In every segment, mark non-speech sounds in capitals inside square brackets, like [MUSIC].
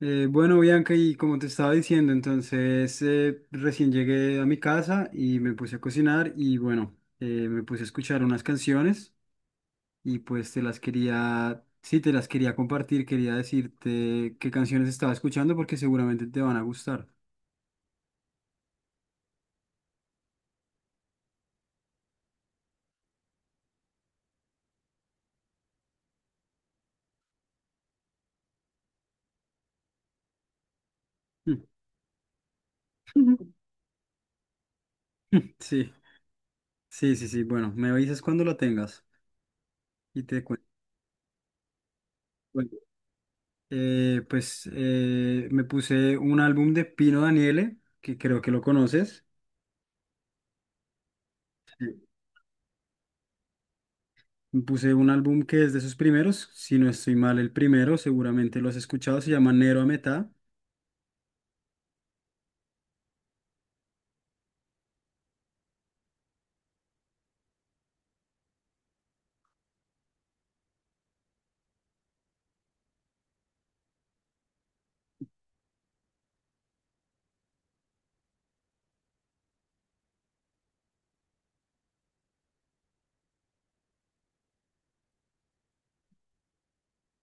Bueno, Bianca, y como te estaba diciendo, entonces recién llegué a mi casa y me puse a cocinar y bueno, me puse a escuchar unas canciones y pues te las quería, sí, te las quería compartir, quería decirte qué canciones estaba escuchando porque seguramente te van a gustar. Mm. [LAUGHS] Sí, sí, sí, sí. Bueno, me avisas cuando lo tengas y te cuento. Bueno, me puse un álbum de Pino Daniele, que creo que lo conoces. eh, Me puse un álbum que es de sus primeros, si no estoy mal, el primero, seguramente lo has escuchado, se llama Nero a Metá.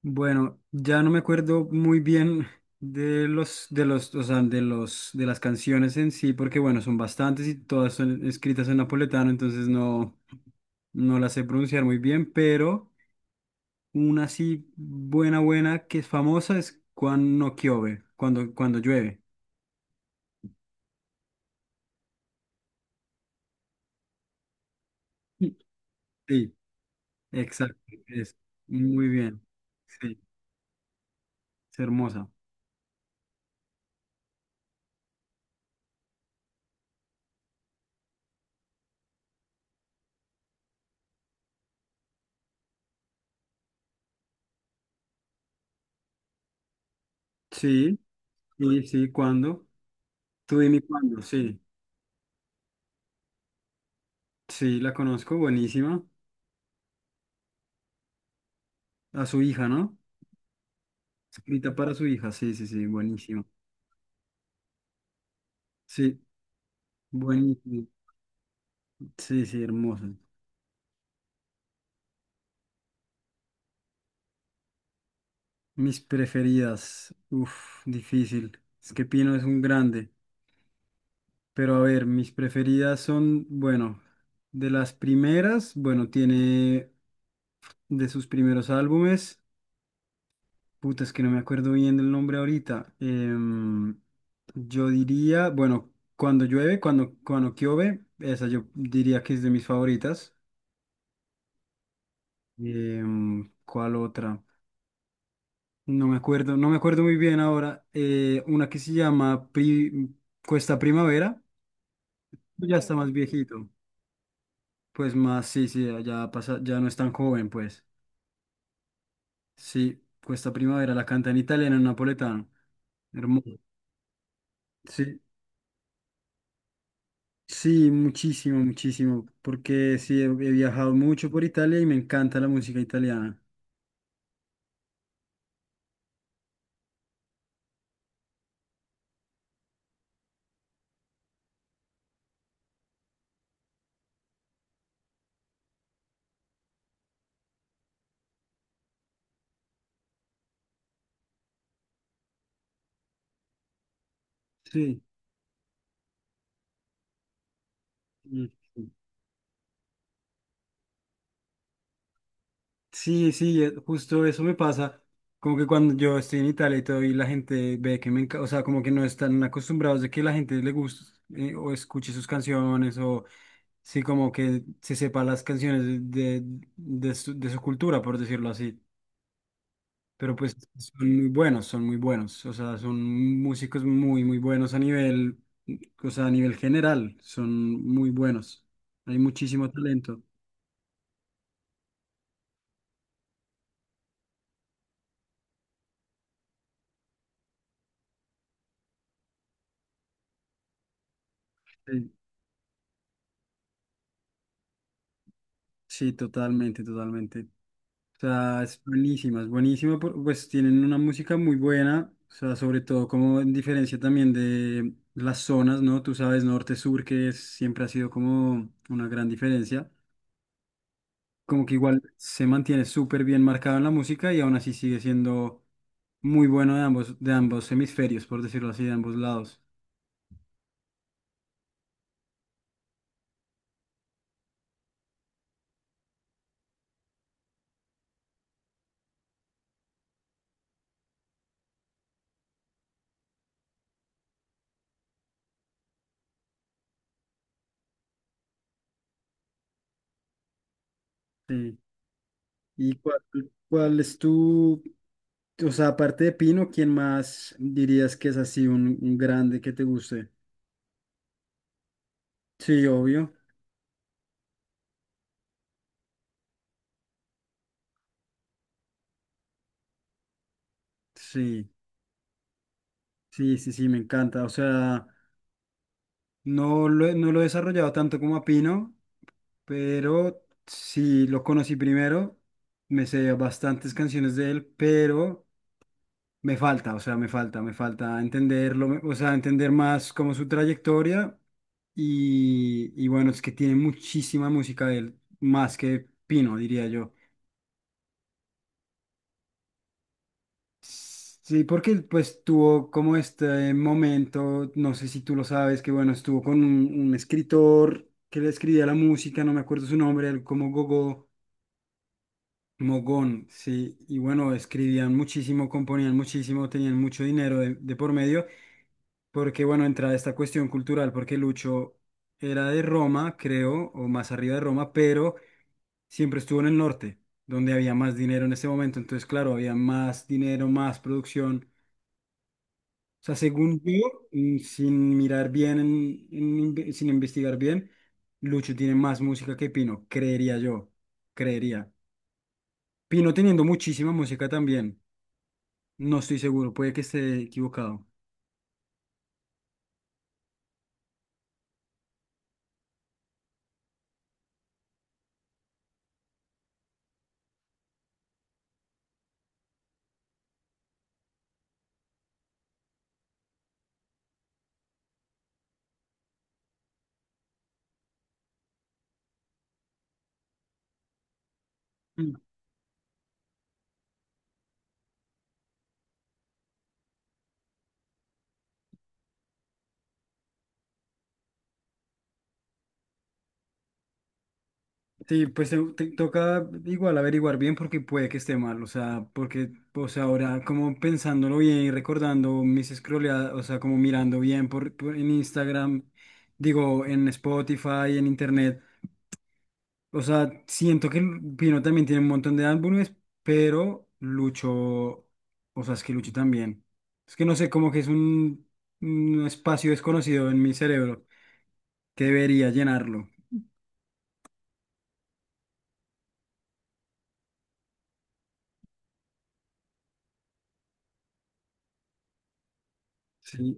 Bueno, ya no me acuerdo muy bien o sea, de los, de las canciones en sí, porque bueno, son bastantes y todas son escritas en napoletano, entonces no, no las sé pronunciar muy bien, pero una así buena, buena, que es famosa es Cuando no Kiove, cuando, cuando llueve. Sí, exacto, es muy bien, sí, es hermosa. Sí, sí, sí, ¿cuándo? Tú dime cuándo, sí. Sí, la conozco, buenísima. A su hija, ¿no? Escrita para su hija, sí, sí, sí, buenísima. Sí, buenísima. Sí, sí, hermosa. Mis preferidas, uf, difícil. Es que Pino es un grande. Pero a ver, mis preferidas son, bueno, de las primeras, bueno, tiene de sus primeros álbumes. Puta, es que no me acuerdo bien del nombre ahorita. Yo diría, bueno, cuando llueve, cuando, cuando llueve, esa yo diría que es de mis favoritas. ¿Cuál otra? No me acuerdo, no me acuerdo muy bien ahora. Una que se llama Cuesta Primavera, pues ya está más viejito. Pues más, sí, sí, ya pasa, ya no es tan joven, pues. Sí, Cuesta Primavera, la canta en italiano, en napoletano. Hermoso. Sí, sí, muchísimo, muchísimo, porque sí, he viajado mucho por Italia y me encanta la música italiana. Sí, y- sí, sí, justo eso me pasa, como que cuando yo estoy en Italia y todo y la gente ve que me encanta, o sea, como que no están acostumbrados de que la gente le guste o escuche sus canciones o sí, como que se sepa las canciones de, de, de su cultura, por decirlo así. Pero pues son muy buenos, son muy buenos. O sea, son músicos muy, muy buenos a nivel, o sea, a nivel general, son muy buenos. Hay muchísimo talento. Sí, sí, totalmente, totalmente. O sea, es buenísima, pues tienen una música muy buena, o sea, sobre todo como en diferencia también de las zonas, ¿no? Tú sabes, norte-sur, siempre ha sido como una gran diferencia. Como que igual se mantiene súper bien marcado en la música y aún así sigue siendo muy bueno de ambos hemisferios, por decirlo así, de ambos lados. Sí. ¿Y cuál, cuál es tu, o sea, aparte de Pino, quién más dirías que es así un grande que te guste? Sí, obvio. Sí, sí, sí, sí, me encanta. O sea, no lo he desarrollado tanto como a Pino, pero sí lo conocí primero. Me sé bastantes canciones de él, pero... Me falta, o sea, me falta entenderlo, o sea, entender más como su trayectoria y bueno, es que tiene muchísima música de él, más que Pino, diría yo. Sí, porque él, pues tuvo como este momento, no sé si tú lo sabes, que bueno, estuvo con un escritor que le escribía la música, no me acuerdo su nombre, él como Gogo. Mogón, sí, y bueno, escribían muchísimo, componían muchísimo, tenían mucho dinero de por medio, porque bueno, entra esta cuestión cultural, porque Lucho era de Roma, creo, o más arriba de Roma, pero siempre estuvo en el norte, donde había más dinero en ese momento, entonces claro, había más dinero, más producción. O sea, según yo, mm, sin mirar bien, sin investigar bien, Lucho tiene más música que Pino, creería yo, creería. Pino teniendo muchísima música también. No estoy seguro, puede que esté equivocado. Sí, pues te toca igual averiguar bien porque puede que esté mal, o sea, porque, o sea, ahora como pensándolo bien y recordando mis scrolleadas, o sea, como mirando bien en Instagram, digo, en Spotify, en Internet, o sea, siento que Pino también tiene un montón de álbumes, pero Lucho, o sea, es que Lucho también. Es que no sé, como que es un espacio desconocido en mi cerebro que debería llenarlo. Sí.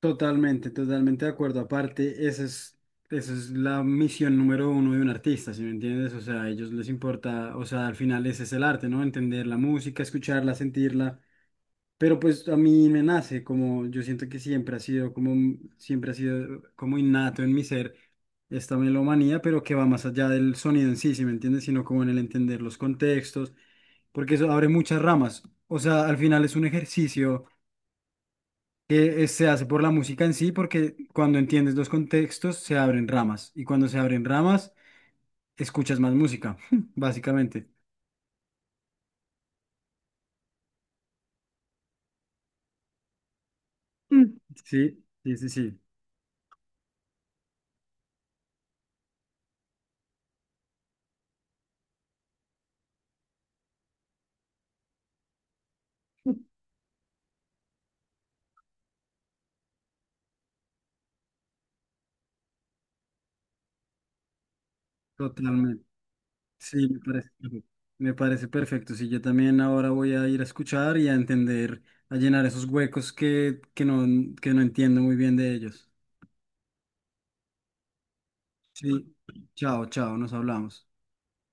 Totalmente, totalmente de acuerdo. Aparte, esa es la misión número uno de un artista, ¿sí me entiendes? O sea, a ellos les importa, o sea, al final ese es el arte, ¿no? Entender la música, escucharla, sentirla. Pero pues a mí me nace, como yo siento que siempre ha sido como, siempre ha sido como innato en mi ser esta melomanía, pero que va más allá del sonido en sí, ¿sí me entiendes? Sino como en el entender los contextos, porque eso abre muchas ramas. O sea, al final es un ejercicio que se hace por la música en sí, porque cuando entiendes los contextos se abren ramas y cuando se abren ramas escuchas más música, [LAUGHS] básicamente. Mm. Sí, sí, sí, sí, totalmente. Sí, me parece, perfecto. Me parece perfecto. Sí, yo también ahora voy a ir a escuchar y a entender, a llenar esos huecos que no entiendo muy bien de ellos. Sí, chao, chao, nos hablamos.